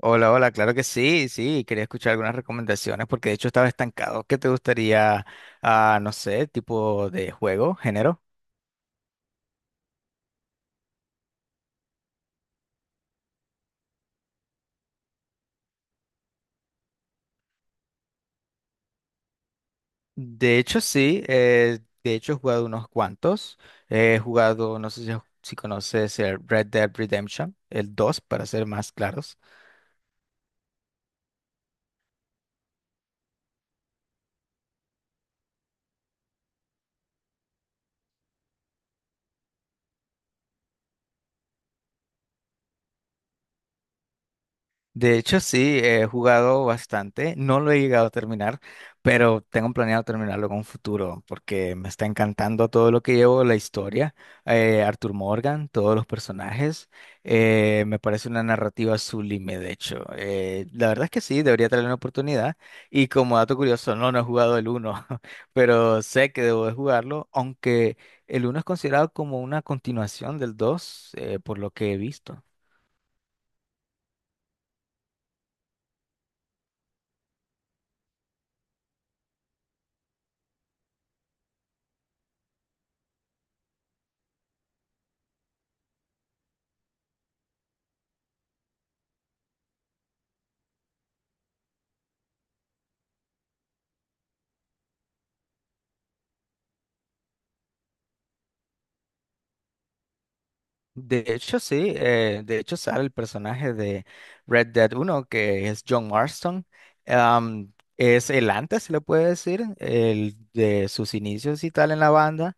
Hola, hola, claro que sí, sí, quería escuchar algunas recomendaciones porque de hecho estaba estancado. ¿Qué te gustaría, no sé, tipo de juego, género? De hecho sí, de hecho he jugado unos cuantos. He jugado, no sé si conoces el Red Dead Redemption, el 2 para ser más claros. De hecho, sí, he jugado bastante, no lo he llegado a terminar, pero tengo planeado terminarlo en un futuro porque me está encantando todo lo que llevo, la historia, Arthur Morgan, todos los personajes, me parece una narrativa sublime, de hecho. La verdad es que sí, debería tener una oportunidad y como dato curioso, no, no he jugado el uno, pero sé que debo de jugarlo, aunque el uno es considerado como una continuación del 2 por lo que he visto. De hecho, sí, de hecho sale el personaje de Red Dead uno que es John Marston. Es el antes, se le puede decir, el de sus inicios y tal en la banda,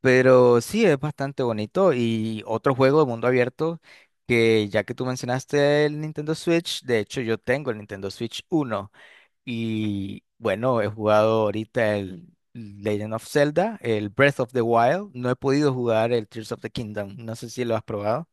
pero sí, es bastante bonito. Y otro juego de mundo abierto, que ya que tú mencionaste el Nintendo Switch, de hecho yo tengo el Nintendo Switch uno y bueno, he jugado ahorita el Legend of Zelda, el Breath of the Wild. No he podido jugar el Tears of the Kingdom, no sé si lo has probado.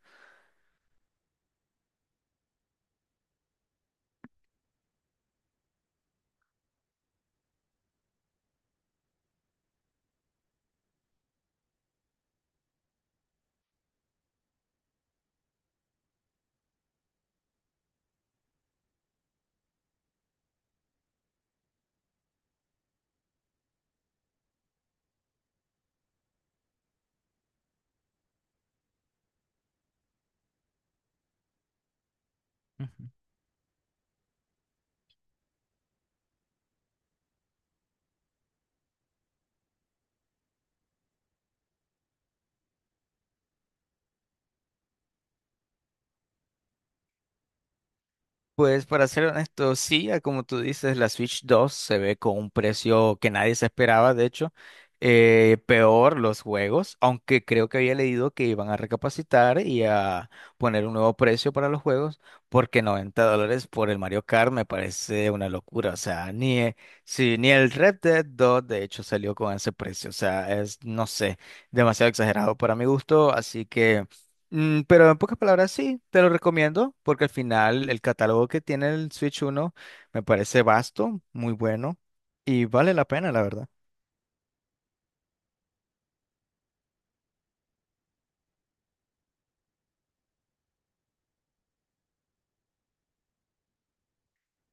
Ujú. Pues para ser honesto, sí, a como tú dices, la Switch 2 se ve con un precio que nadie se esperaba, de hecho, peor los juegos, aunque creo que había leído que iban a recapacitar y a poner un nuevo precio para los juegos, porque $90 por el Mario Kart me parece una locura. O sea, ni, sí, ni el Red Dead 2 de hecho salió con ese precio, o sea, es, no sé, demasiado exagerado para mi gusto, así que. Mm, pero en pocas palabras, sí, te lo recomiendo, porque al final el catálogo que tiene el Switch uno me parece vasto, muy bueno y vale la pena, la verdad.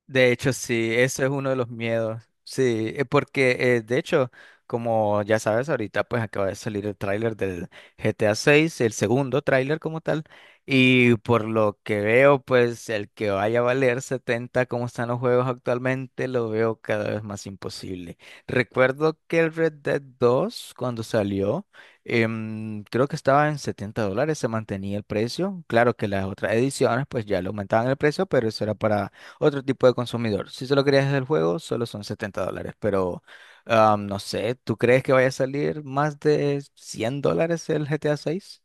De hecho, sí, eso es uno de los miedos. Sí, porque de hecho, como ya sabes, ahorita pues acaba de salir el tráiler del GTA 6, el segundo tráiler como tal, y por lo que veo, pues el que vaya a valer 70 como están los juegos actualmente, lo veo cada vez más imposible. Recuerdo que el Red Dead 2, cuando salió, creo que estaba en $70, se mantenía el precio. Claro que las otras ediciones pues ya le aumentaban el precio, pero eso era para otro tipo de consumidor. Si solo querías el juego, solo son $70. Pero no sé, ¿tú crees que vaya a salir más de $100 el GTA 6?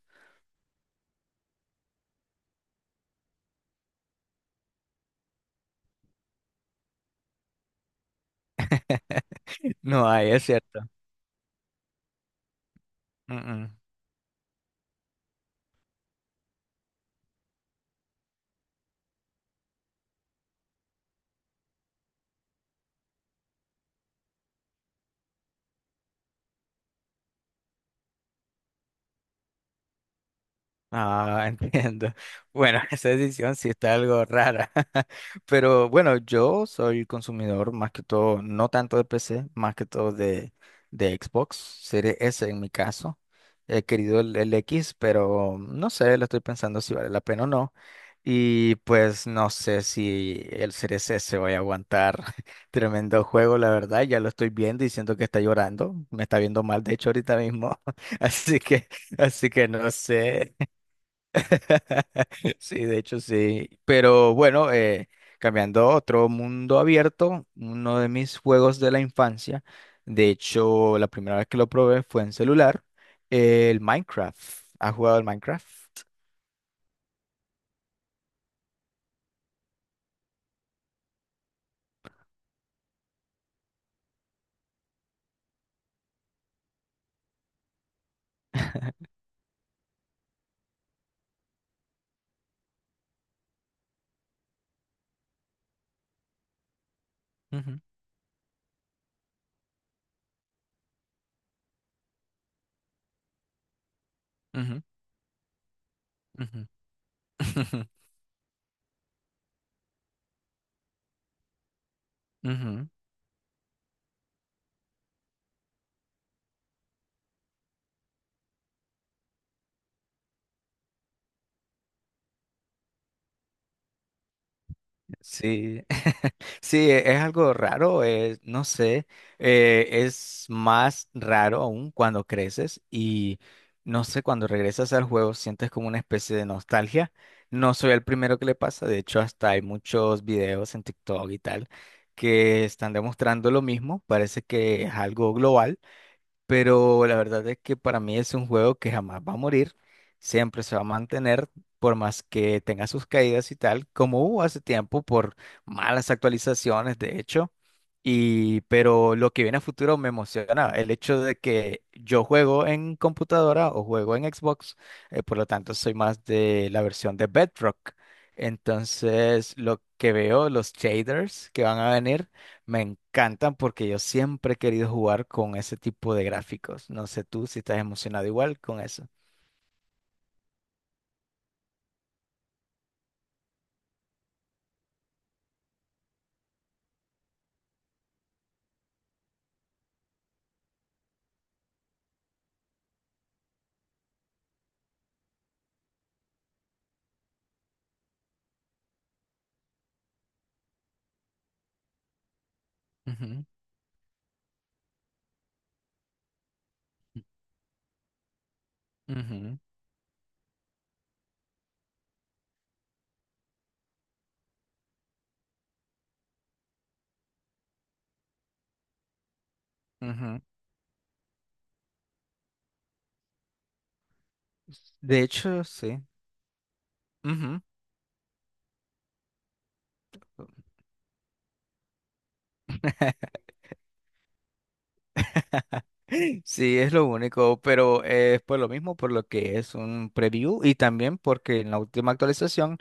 No hay, es cierto. Mm, mm. Ah, entiendo. Bueno, esa decisión sí está algo rara. Pero bueno, yo soy consumidor más que todo, no tanto de PC, más que todo de Xbox, Series S en mi caso. He querido el X, pero no sé, lo estoy pensando si vale la pena o no. Y pues no sé si el C CRC se va a aguantar. Tremendo juego, la verdad. Ya lo estoy viendo y siento que está llorando. Me está viendo mal, de hecho, ahorita mismo. Así que, así que no sé. Sí, de hecho, sí. Pero bueno, cambiando a otro mundo abierto, uno de mis juegos de la infancia. De hecho, la primera vez que lo probé fue en celular. El Minecraft. ¿Has jugado el Minecraft? Ujú, ujú, ujú. Ujú, sí. Sí, es algo raro, no sé, es más raro aún cuando creces y no sé, cuando regresas al juego sientes como una especie de nostalgia. No soy el primero que le pasa, de hecho hasta hay muchos videos en TikTok y tal que están demostrando lo mismo, parece que es algo global. Pero la verdad es que para mí es un juego que jamás va a morir, siempre se va a mantener, por más que tenga sus caídas y tal, como hubo hace tiempo por malas actualizaciones, de hecho. Y, pero lo que viene a futuro me emociona, el hecho de que yo juego en computadora o juego en Xbox, por lo tanto soy más de la versión de Bedrock. Entonces, lo que veo, los shaders que van a venir. Me encantan porque yo siempre he querido jugar con ese tipo de gráficos. No sé tú si estás emocionado igual con eso. Ujú, ujú, ujú. De hecho, sí. Ujú. Sí, es lo único, pero es por lo mismo, por lo que es un preview y también porque en la última actualización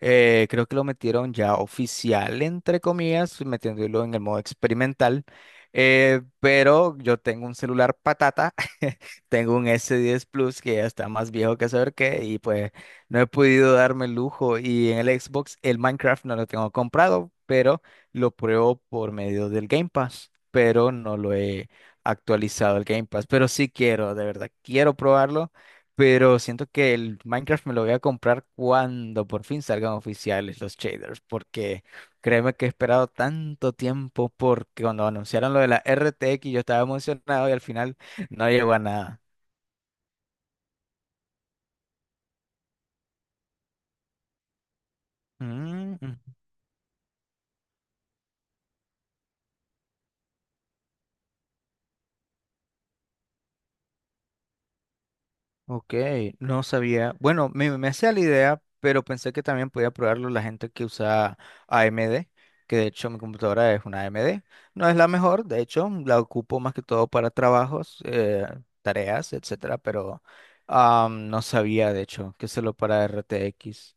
creo que lo metieron ya oficial, entre comillas, metiéndolo en el modo experimental, pero yo tengo un celular patata. Tengo un S10 Plus que ya está más viejo que saber qué, y pues no he podido darme el lujo, y en el Xbox el Minecraft no lo tengo comprado, pero lo pruebo por medio del Game Pass, pero no lo he actualizado el Game Pass, pero sí quiero, de verdad, quiero probarlo, pero siento que el Minecraft me lo voy a comprar cuando por fin salgan oficiales los shaders, porque créeme que he esperado tanto tiempo porque cuando anunciaron lo de la RTX yo estaba emocionado y al final no llegó a nada. Mm, mm. Ok, no sabía. Bueno, me hacía la idea, pero pensé que también podía probarlo la gente que usa AMD, que de hecho mi computadora es una AMD. No es la mejor, de hecho, la ocupo más que todo para trabajos, tareas, etcétera, pero no sabía de hecho que solo para RTX.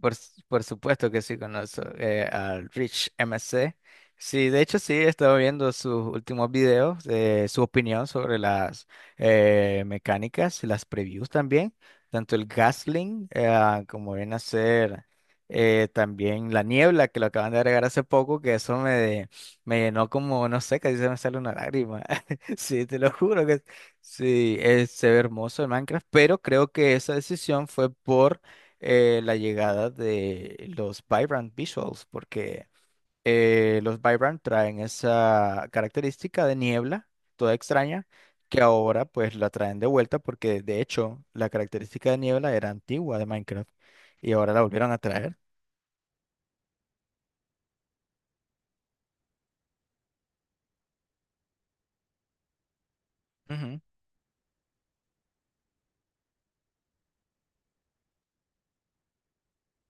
Por supuesto que sí conozco al Rich MC. Sí, de hecho sí, he estado viendo sus últimos videos, su opinión sobre las mecánicas, las previews también, tanto el Gasling como viene a ser también la niebla que lo acaban de agregar hace poco, que eso me llenó como, no sé, casi se me sale una lágrima. Sí, te lo juro que sí, es se ve hermoso el Minecraft, pero creo que esa decisión fue por la llegada de los Vibrant Visuals, porque los Vibrant traen esa característica de niebla, toda extraña, que ahora pues la traen de vuelta porque de hecho la característica de niebla era antigua de Minecraft y ahora la volvieron a traer. Ujú,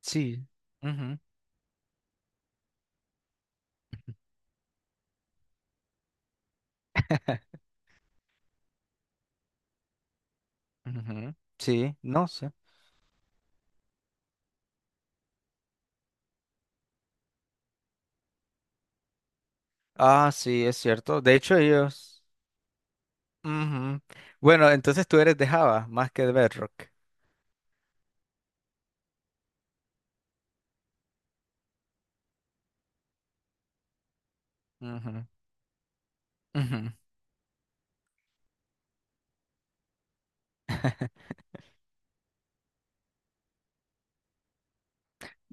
sí. Ujú. Ujú, sí, no sé. Ah, sí, es cierto. De hecho, ellos. Ujú. Bueno, entonces tú eres de Java más que de Bedrock. Ujú, ujú.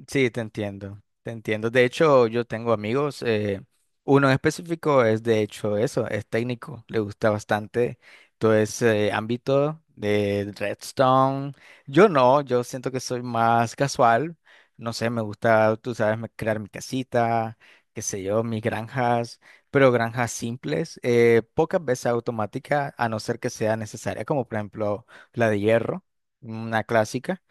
Sí, te entiendo, te entiendo. De hecho, yo tengo amigos, uno en específico es de hecho eso, es técnico, le gusta bastante todo ese ámbito de Redstone. Yo no, yo siento que soy más casual, no sé, me gusta, tú sabes, crear mi casita, qué sé yo, mis granjas, pero granjas simples, pocas veces automática, a no ser que sea necesaria, como por ejemplo la de hierro, una clásica.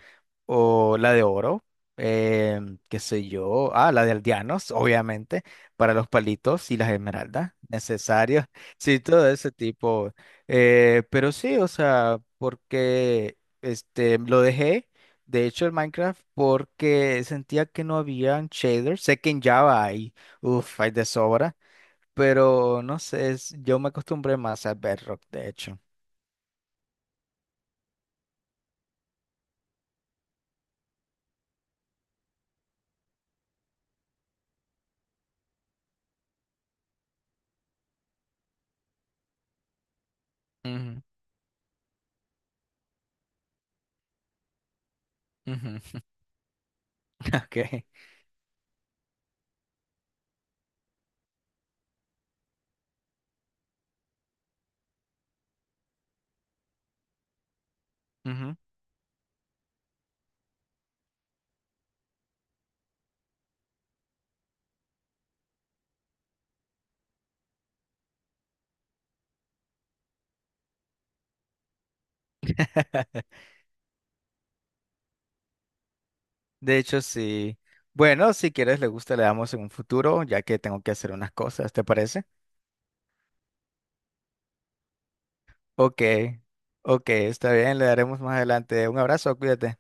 O la de oro, eh, qué sé yo. Ah, la de aldeanos, obviamente, para los palitos y las esmeraldas, necesarios. Sí, todo ese tipo. Pero sí, o sea, porque este, lo dejé, de hecho, el Minecraft, porque sentía que no habían shaders. Sé que en Java hay, uff, hay de sobra, pero no sé, yo me acostumbré más a Bedrock, de hecho. Ujú, ujú, ok, ujú. De hecho, sí. Bueno, si quieres, le gusta, le damos en un futuro, ya que tengo que hacer unas cosas, ¿te parece? Ok, ok, está bien, le daremos más adelante. Un abrazo, cuídate.